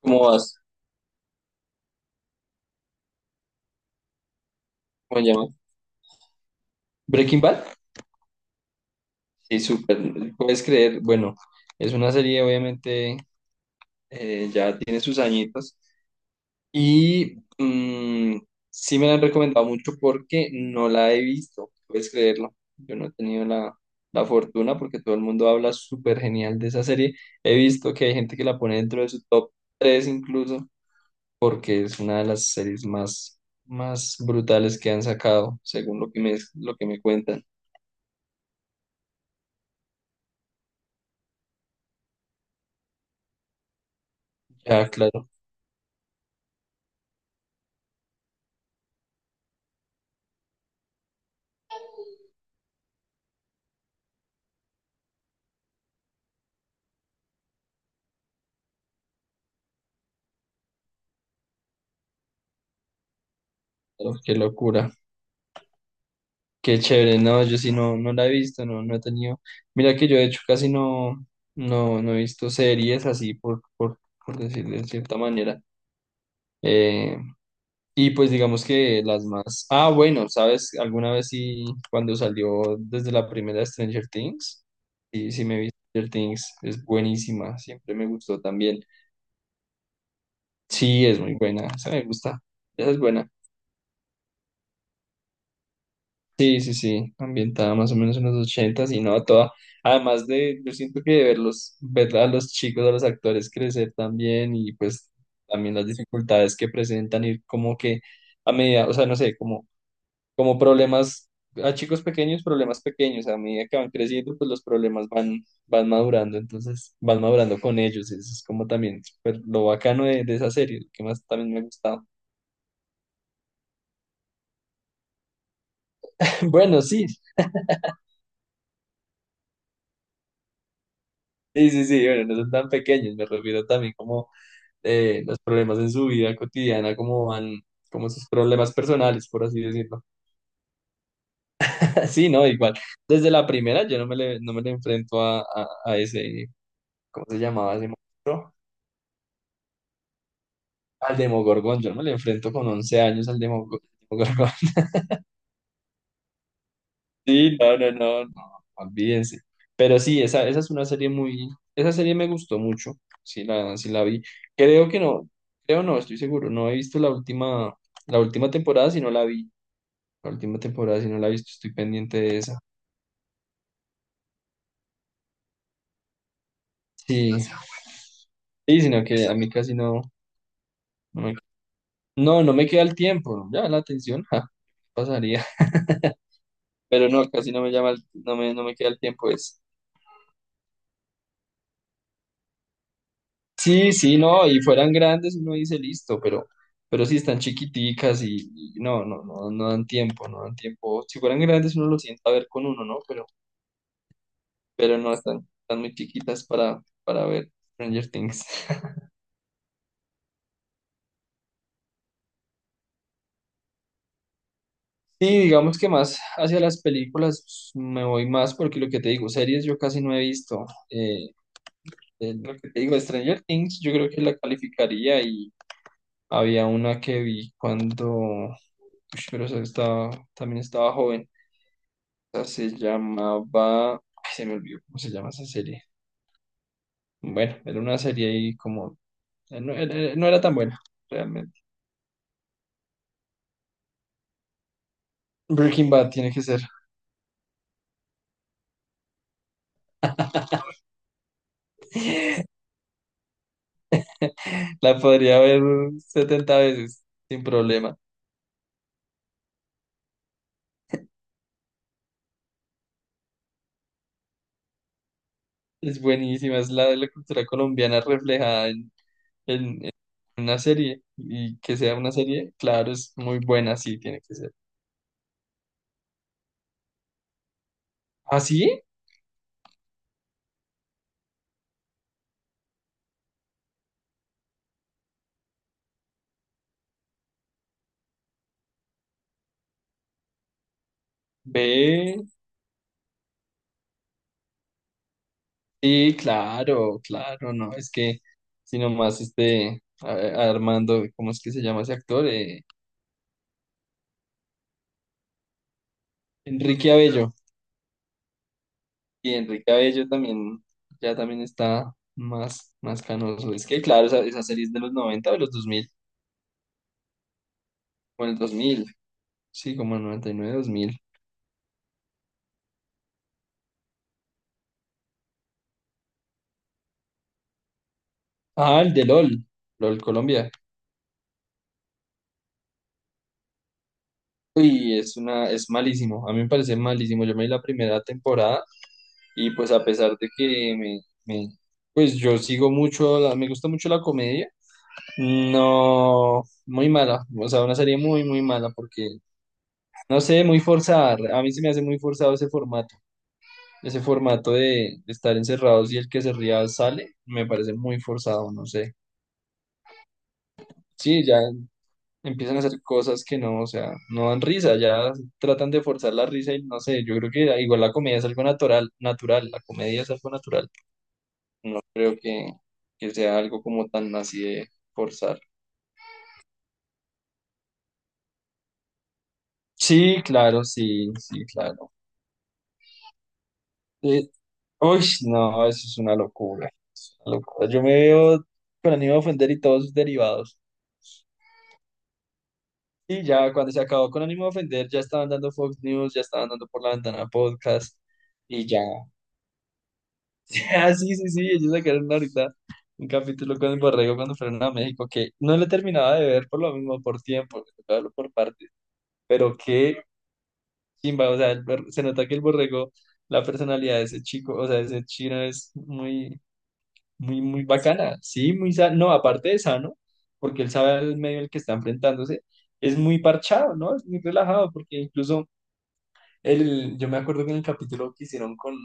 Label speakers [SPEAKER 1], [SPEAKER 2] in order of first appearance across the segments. [SPEAKER 1] ¿Cómo vas? ¿Cómo se llama? Breaking Bad. Sí, súper. Puedes creer, bueno, es una serie, obviamente, ya tiene sus añitos. Y sí me la han recomendado mucho porque no la he visto. Puedes creerlo. Yo no he tenido la fortuna porque todo el mundo habla súper genial de esa serie. He visto que hay gente que la pone dentro de su top 3 incluso, porque es una de las series más, más brutales que han sacado, según lo que me cuentan. Ya, claro. Pero qué locura, qué chévere, no, yo sí no, no la he visto, no, no he tenido, mira que yo de hecho casi no, no, no he visto series así por decirlo de cierta manera. Eh, y pues digamos que las más, ah, bueno, sabes, alguna vez sí, cuando salió desde la primera Stranger Things, sí, sí me vi Stranger Things, es buenísima, siempre me gustó también, sí, es muy buena, esa me gusta, esa es buena. Sí, sí, sí, ambientada más o menos en los 80 y no toda. Además de, yo siento que verlos, ver a los chicos, a los actores crecer también y pues también las dificultades que presentan y como que a medida, o sea, no sé, como problemas, a chicos pequeños, problemas pequeños, a medida que van creciendo, pues los problemas van madurando, entonces van madurando con ellos, eso es como también súper lo bacano de esa serie, lo que más también me ha gustado. Bueno, sí, sí, sí, sí, bueno, no son tan pequeños, me refiero también como los problemas en su vida cotidiana, como van, como sus problemas personales, por así decirlo. Sí, no, igual. Desde la primera yo no me le enfrento a, ese, ¿cómo se llamaba ese monstruo? Al Demogorgon, yo no me le enfrento con 11 años al Demogorgon. Sí, no, no, no, no, olvídense. Pero sí, esa es una serie muy, esa serie me gustó mucho, sí la vi. Creo que no, creo no, estoy seguro, no he visto la última temporada, si no la vi. La última temporada, si no la he visto, estoy pendiente de esa. Sí, sí, sino que a mí casi no, no me, no me queda el tiempo. Ya la atención, ja, pasaría. Pero no, casi no me llama, no me queda el tiempo. Es. Sí, sí, no, y fueran grandes, uno dice listo, pero sí están chiquiticas y no dan tiempo, no dan tiempo. Si fueran grandes, uno lo sienta a ver con uno, ¿no? Pero no, están muy chiquitas para ver Stranger Things. Sí, digamos que más hacia las películas pues, me voy más porque lo que te digo, series yo casi no he visto. Eh, lo que te digo, Stranger Things, yo creo que la calificaría y había una que vi cuando, ush, pero esa estaba, también estaba joven. Esa se llamaba, ay, se me olvidó cómo se llama esa serie. Bueno, era una serie y como, no, era no era tan buena, realmente. Breaking Bad tiene que ser. La podría ver 70 veces sin problema. Es buenísima, es la de la cultura colombiana reflejada en, en una serie. Y que sea una serie, claro, es muy buena, sí, tiene que ser. ¿Ah, sí? Ve, sí, claro, claro, no, es que, si nomás este, a Armando, ¿cómo es que se llama ese actor? Enrique Abello. Y Enrique Abello también, ya también está más, más canoso. Es que, claro, esa serie es de los 90 o de los 2000 o en el 2000 sí, como el 99 2000. Ah, el de LOL, LOL Colombia. Uy, es malísimo. A mí me parece malísimo. Yo me vi la primera temporada y pues a pesar de que me- pues yo sigo mucho, me gusta mucho la comedia. No, muy mala. O sea, una serie muy, muy mala porque, no sé, muy forzada. A mí se me hace muy forzado ese formato. Ese formato de estar encerrados y el que se ría sale, me parece muy forzado, no sé. Sí, ya. Empiezan a hacer cosas que no, o sea, no dan risa, ya tratan de forzar la risa y no sé, yo creo que igual la comedia es algo natural, natural, la comedia es algo natural, no creo que sea algo como tan así de forzar. Sí, claro, sí, sí, claro. Eh, uy, no, eso es una locura, una locura. Yo me veo con ánimo de ofender y todos sus derivados. Y ya cuando se acabó con ánimo de ofender, ya estaban dando Fox News, ya estaban dando por la ventana podcast y ya. Ah, sí, sí, sí, ellos sacaron ahorita un capítulo con el Borrego cuando fueron a México, que no lo terminaba de ver por lo mismo, por tiempo, me tocaba verlo por partes, pero qué chimba, o sea, se nota que el Borrego, la personalidad de ese chico, o sea, de ese chino es muy, muy, muy bacana, sí, muy sano, no, aparte de sano, porque él sabe el medio al que está enfrentándose, es muy parchado, ¿no? Es muy relajado, porque incluso el, yo me acuerdo que en el capítulo que hicieron con,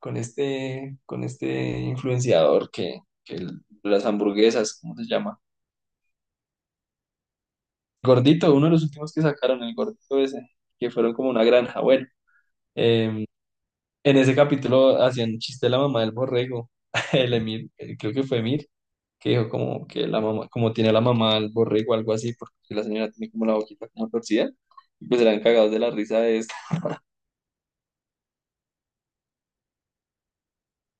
[SPEAKER 1] con este influenciador que las hamburguesas, ¿cómo se llama? Gordito, uno de los últimos que sacaron, el gordito ese, que fueron como una granja. Bueno, eh, en ese capítulo hacían chiste de la mamá del borrego, el Emir, creo que fue Emir, que dijo como que la mamá, como tiene la mamá al borrego, algo así, porque la señora tiene como la boquita como torcida, y pues eran cagados de la risa de eso.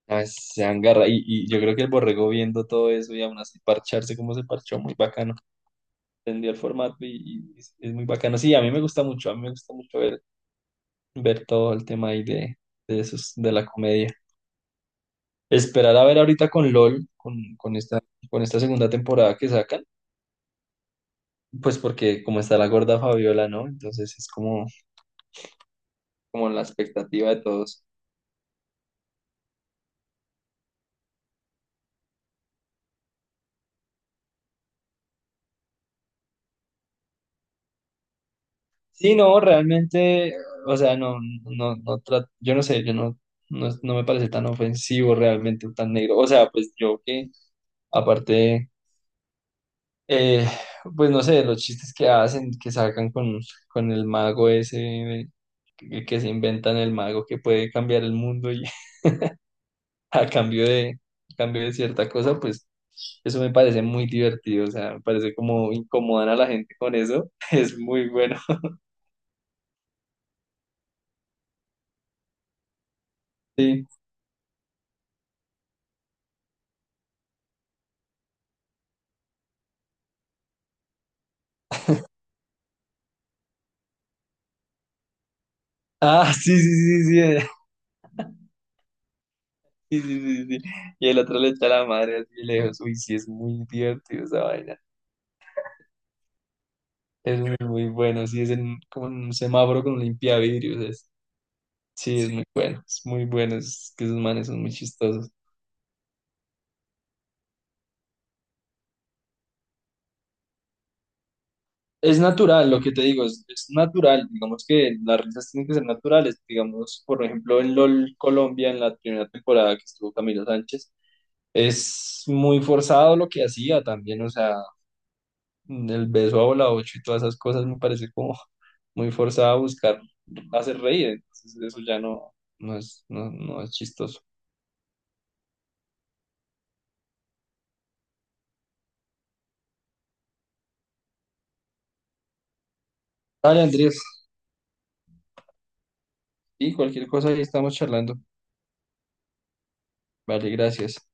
[SPEAKER 1] No, se agarra. Y yo creo que el borrego viendo todo eso y aún así parcharse como se parchó, muy bacano. Entendió el formato y es muy bacano. Sí, a mí me gusta mucho, a mí me gusta mucho ver todo el tema ahí de, esos, de la comedia. Esperar a ver ahorita con LOL, con esta segunda temporada que sacan, pues porque como está la gorda Fabiola, ¿no? Entonces es como la expectativa de todos. Sí, no, realmente, o sea, no, no, no, yo no sé, yo no, no, no me parece tan ofensivo realmente, tan negro. O sea, pues yo que, aparte, eh, pues no sé, los chistes que hacen, que sacan con, el mago ese, eh, que se inventan el mago que puede cambiar el mundo y a cambio de, a cambio de cierta cosa, pues eso me parece muy divertido, o sea, me parece como incomodan a la gente con eso, es muy bueno. Sí. Ah, sí, sí, sí, sí. Sí, sí, sí, sí. Y el otro le echa la madre así de lejos. Uy, sí, es muy divertido esa vaina. Es muy, muy bueno. Sí, es en, como en un semáforo con limpiavidrios. Es, sí, es sí. Muy bueno. Es muy bueno. Es que esos manes son muy chistosos. Es natural, lo que te digo, es natural. Digamos que las risas tienen que ser naturales. Digamos, por ejemplo, en LOL Colombia, en la primera temporada que estuvo Camilo Sánchez, es muy forzado lo que hacía también. O sea, el beso a bola ocho y todas esas cosas me parece como muy forzada a buscar hacer reír. Entonces eso ya no, no es, no, no es chistoso. Dale, Andrés. Y cualquier cosa ahí estamos charlando. Vale, gracias.